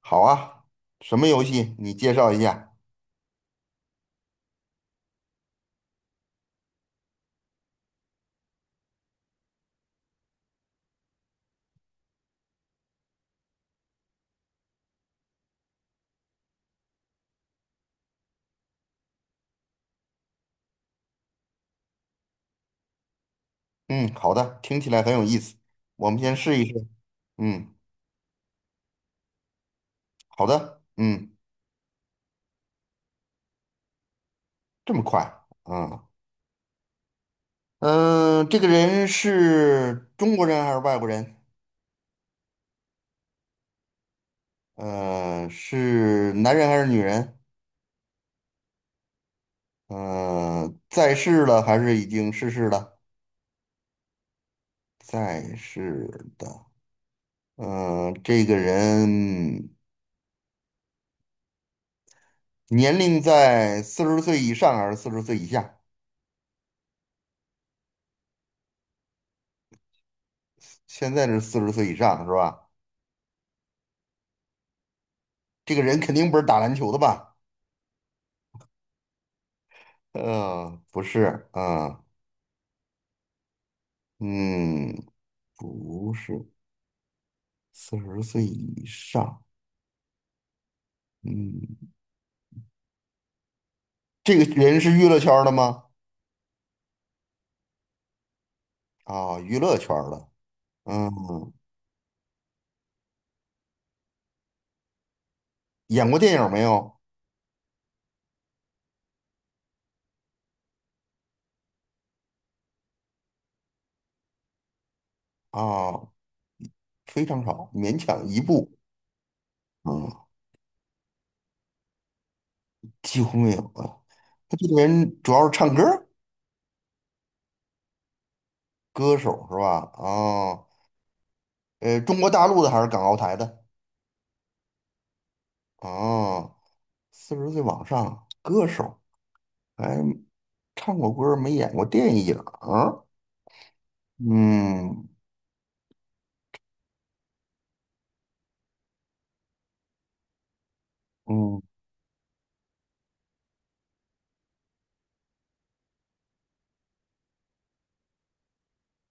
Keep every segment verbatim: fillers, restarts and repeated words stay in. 好啊，什么游戏？你介绍一下。嗯，好的，听起来很有意思。我们先试一试。嗯，好的。嗯，这么快。嗯嗯，呃这个人是中国人还是外国人？呃，是男人还是女人？呃，在世了还是已经逝世了？在世的。呃，这个人年龄在四十岁以上还是四十岁以下？现在是四十岁以上是吧？这个人肯定不是打篮球的吧？呃，不是，啊，嗯，不是，四十岁以上，嗯，这个人是娱乐圈儿的吗？啊，娱乐圈儿的，嗯，演过电影没有？啊，非常少，勉强一部，嗯，几乎没有啊。他这个人主要是唱歌儿歌手是吧？啊，呃，中国大陆的还是港澳台的？啊，四十岁往上，歌手。还唱过歌儿没演过电影儿？嗯嗯，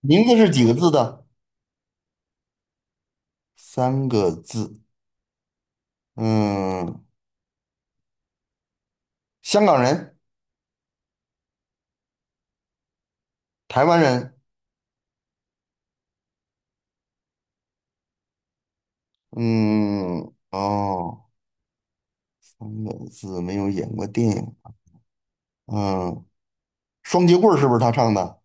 名字是几个字的？三个字。嗯，香港人，台湾人。嗯，哦，三个字没有演过电影。嗯，双截棍儿是不是他唱的？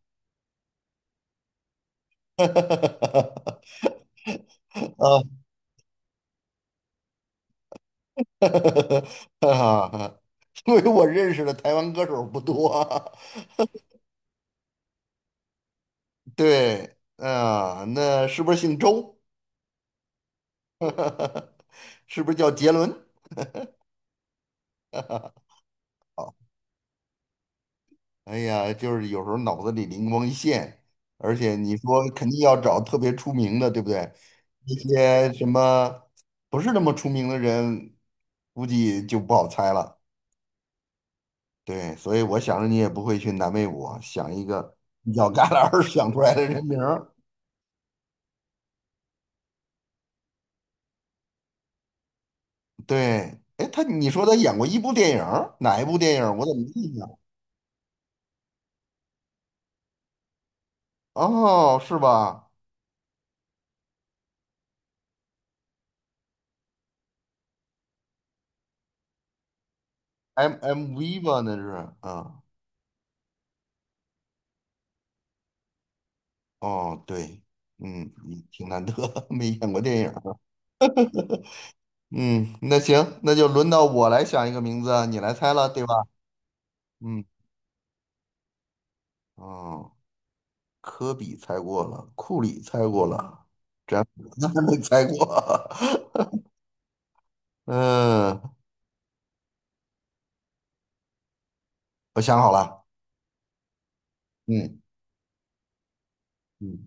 啊，因为我认识的台湾歌手不多啊对，啊，那是不是姓周？是不是叫杰伦？哎呀，就是有时候脑子里灵光一现，而且你说肯定要找特别出名的，对不对？那些什么不是那么出名的人，估计就不好猜了。对，所以我想着你也不会去难为我，想一个犄角旮旯儿 想出来的人名儿。对，哎，他你说他演过一部电影儿哪一部电影儿我怎么没印象？哦，是吧？M M V 吧，那是啊。哦，对，嗯，挺难得，没演过电影。嗯，那行，那就轮到我来想一个名字啊，你来猜了，对吧？嗯，哦，科比猜过了，库里猜过了，詹姆斯还 没猜过。嗯，我想好了。嗯嗯，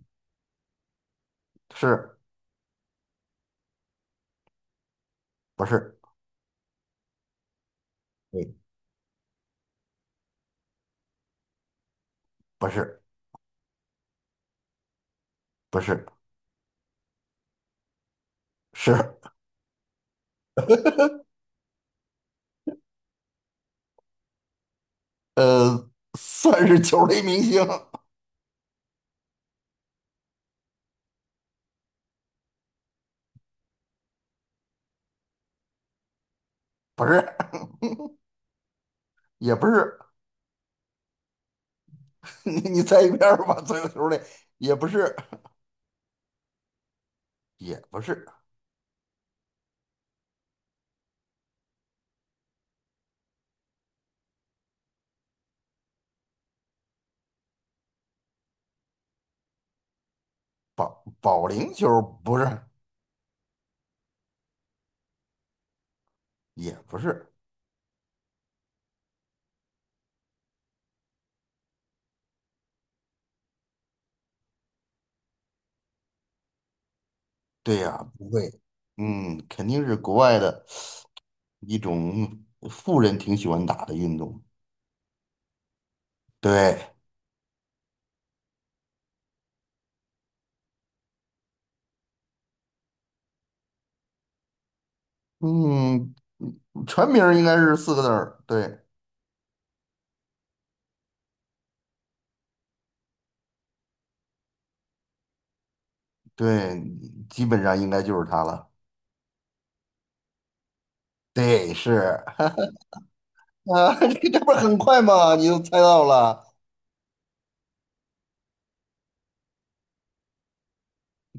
是不是？对，不是，不是，是，呃，算是球类明星，不是，也不是。你你猜一遍儿吧，足右球类，也不是，也不是。保保龄球不是，也不是，对呀、不会，嗯，肯定是国外的一种富人挺喜欢打的运动。对，嗯，全名儿应该是四个字儿，对对，基本上应该就是他了。对，是 啊，这这不是很快吗？你就猜到了，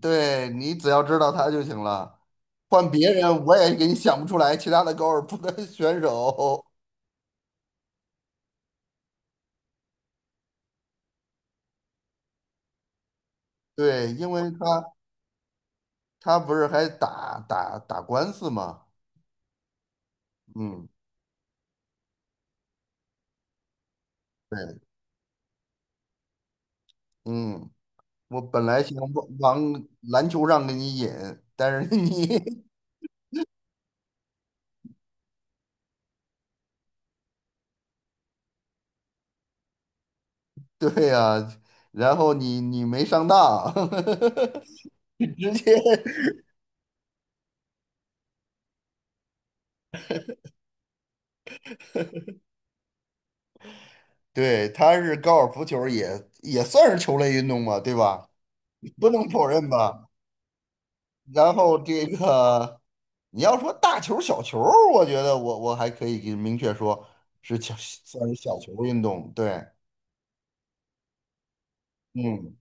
对你只要知道他就行了。换别人我也给你想不出来其他的高尔夫的选手，对，因为他。他不是还打打打官司吗？嗯，对，嗯，我本来想往往篮球上给你引，但是你 对呀、然后你你没上当，直接对，他是高尔夫球也也算是球类运动嘛，对吧？不能否认吧？然后这个你要说大球小球，我觉得我我还可以给明确说是小算是小球运动，对，嗯。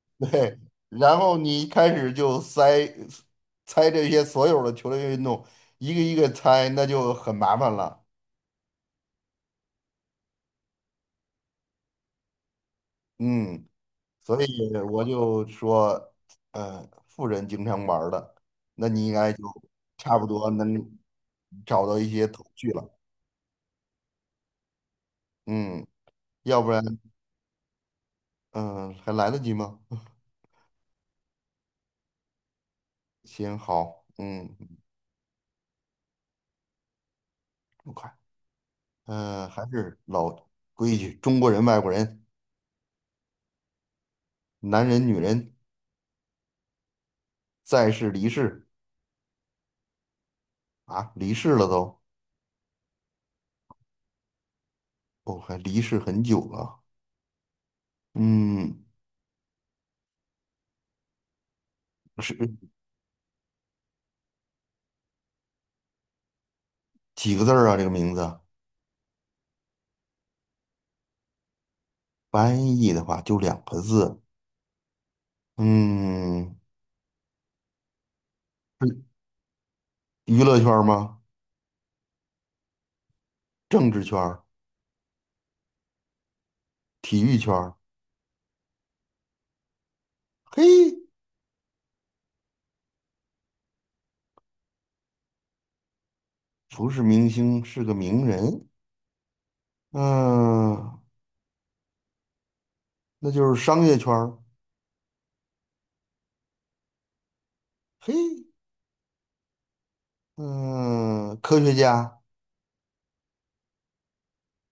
对，然后你一开始就塞猜这些所有的球类运动，一个一个猜，那就很麻烦了。嗯，所以我就说，呃，富人经常玩儿的，那你应该就差不多能找到一些头绪了。嗯，要不然，嗯、还来得及吗？行，好，嗯，不快，嗯、还是老规矩，中国人、外国人，男人、女人，在世、离世啊，离世了都。哦，还离世很久了。嗯，是几个字儿啊？这个名字翻译的话就两个字。嗯，是娱乐圈儿吗？政治圈儿、体育圈儿？嘿，不是明星，是个名人。嗯，那就是商业圈儿。嘿，嗯，科学家，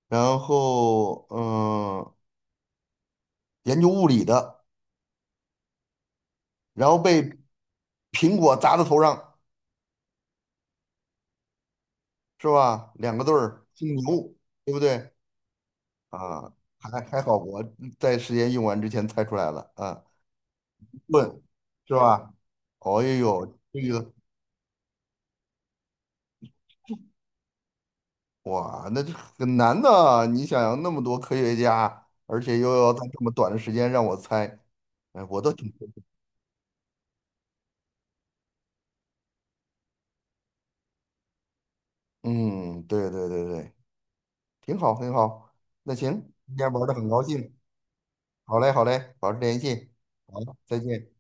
然后嗯，研究物理的，然后被苹果砸到头上，是吧？两个字儿，姓牛，对不对？啊，还还好我在时间用完之前猜出来了啊，问是吧？哦哎呦，这个哇，那这很难的。你想想，那么多科学家，而且又要在这么短的时间让我猜，哎，我都挺……嗯，对对对对，挺好挺好。那行，今天玩的很高兴，好嘞好嘞，保持联系，好，再见。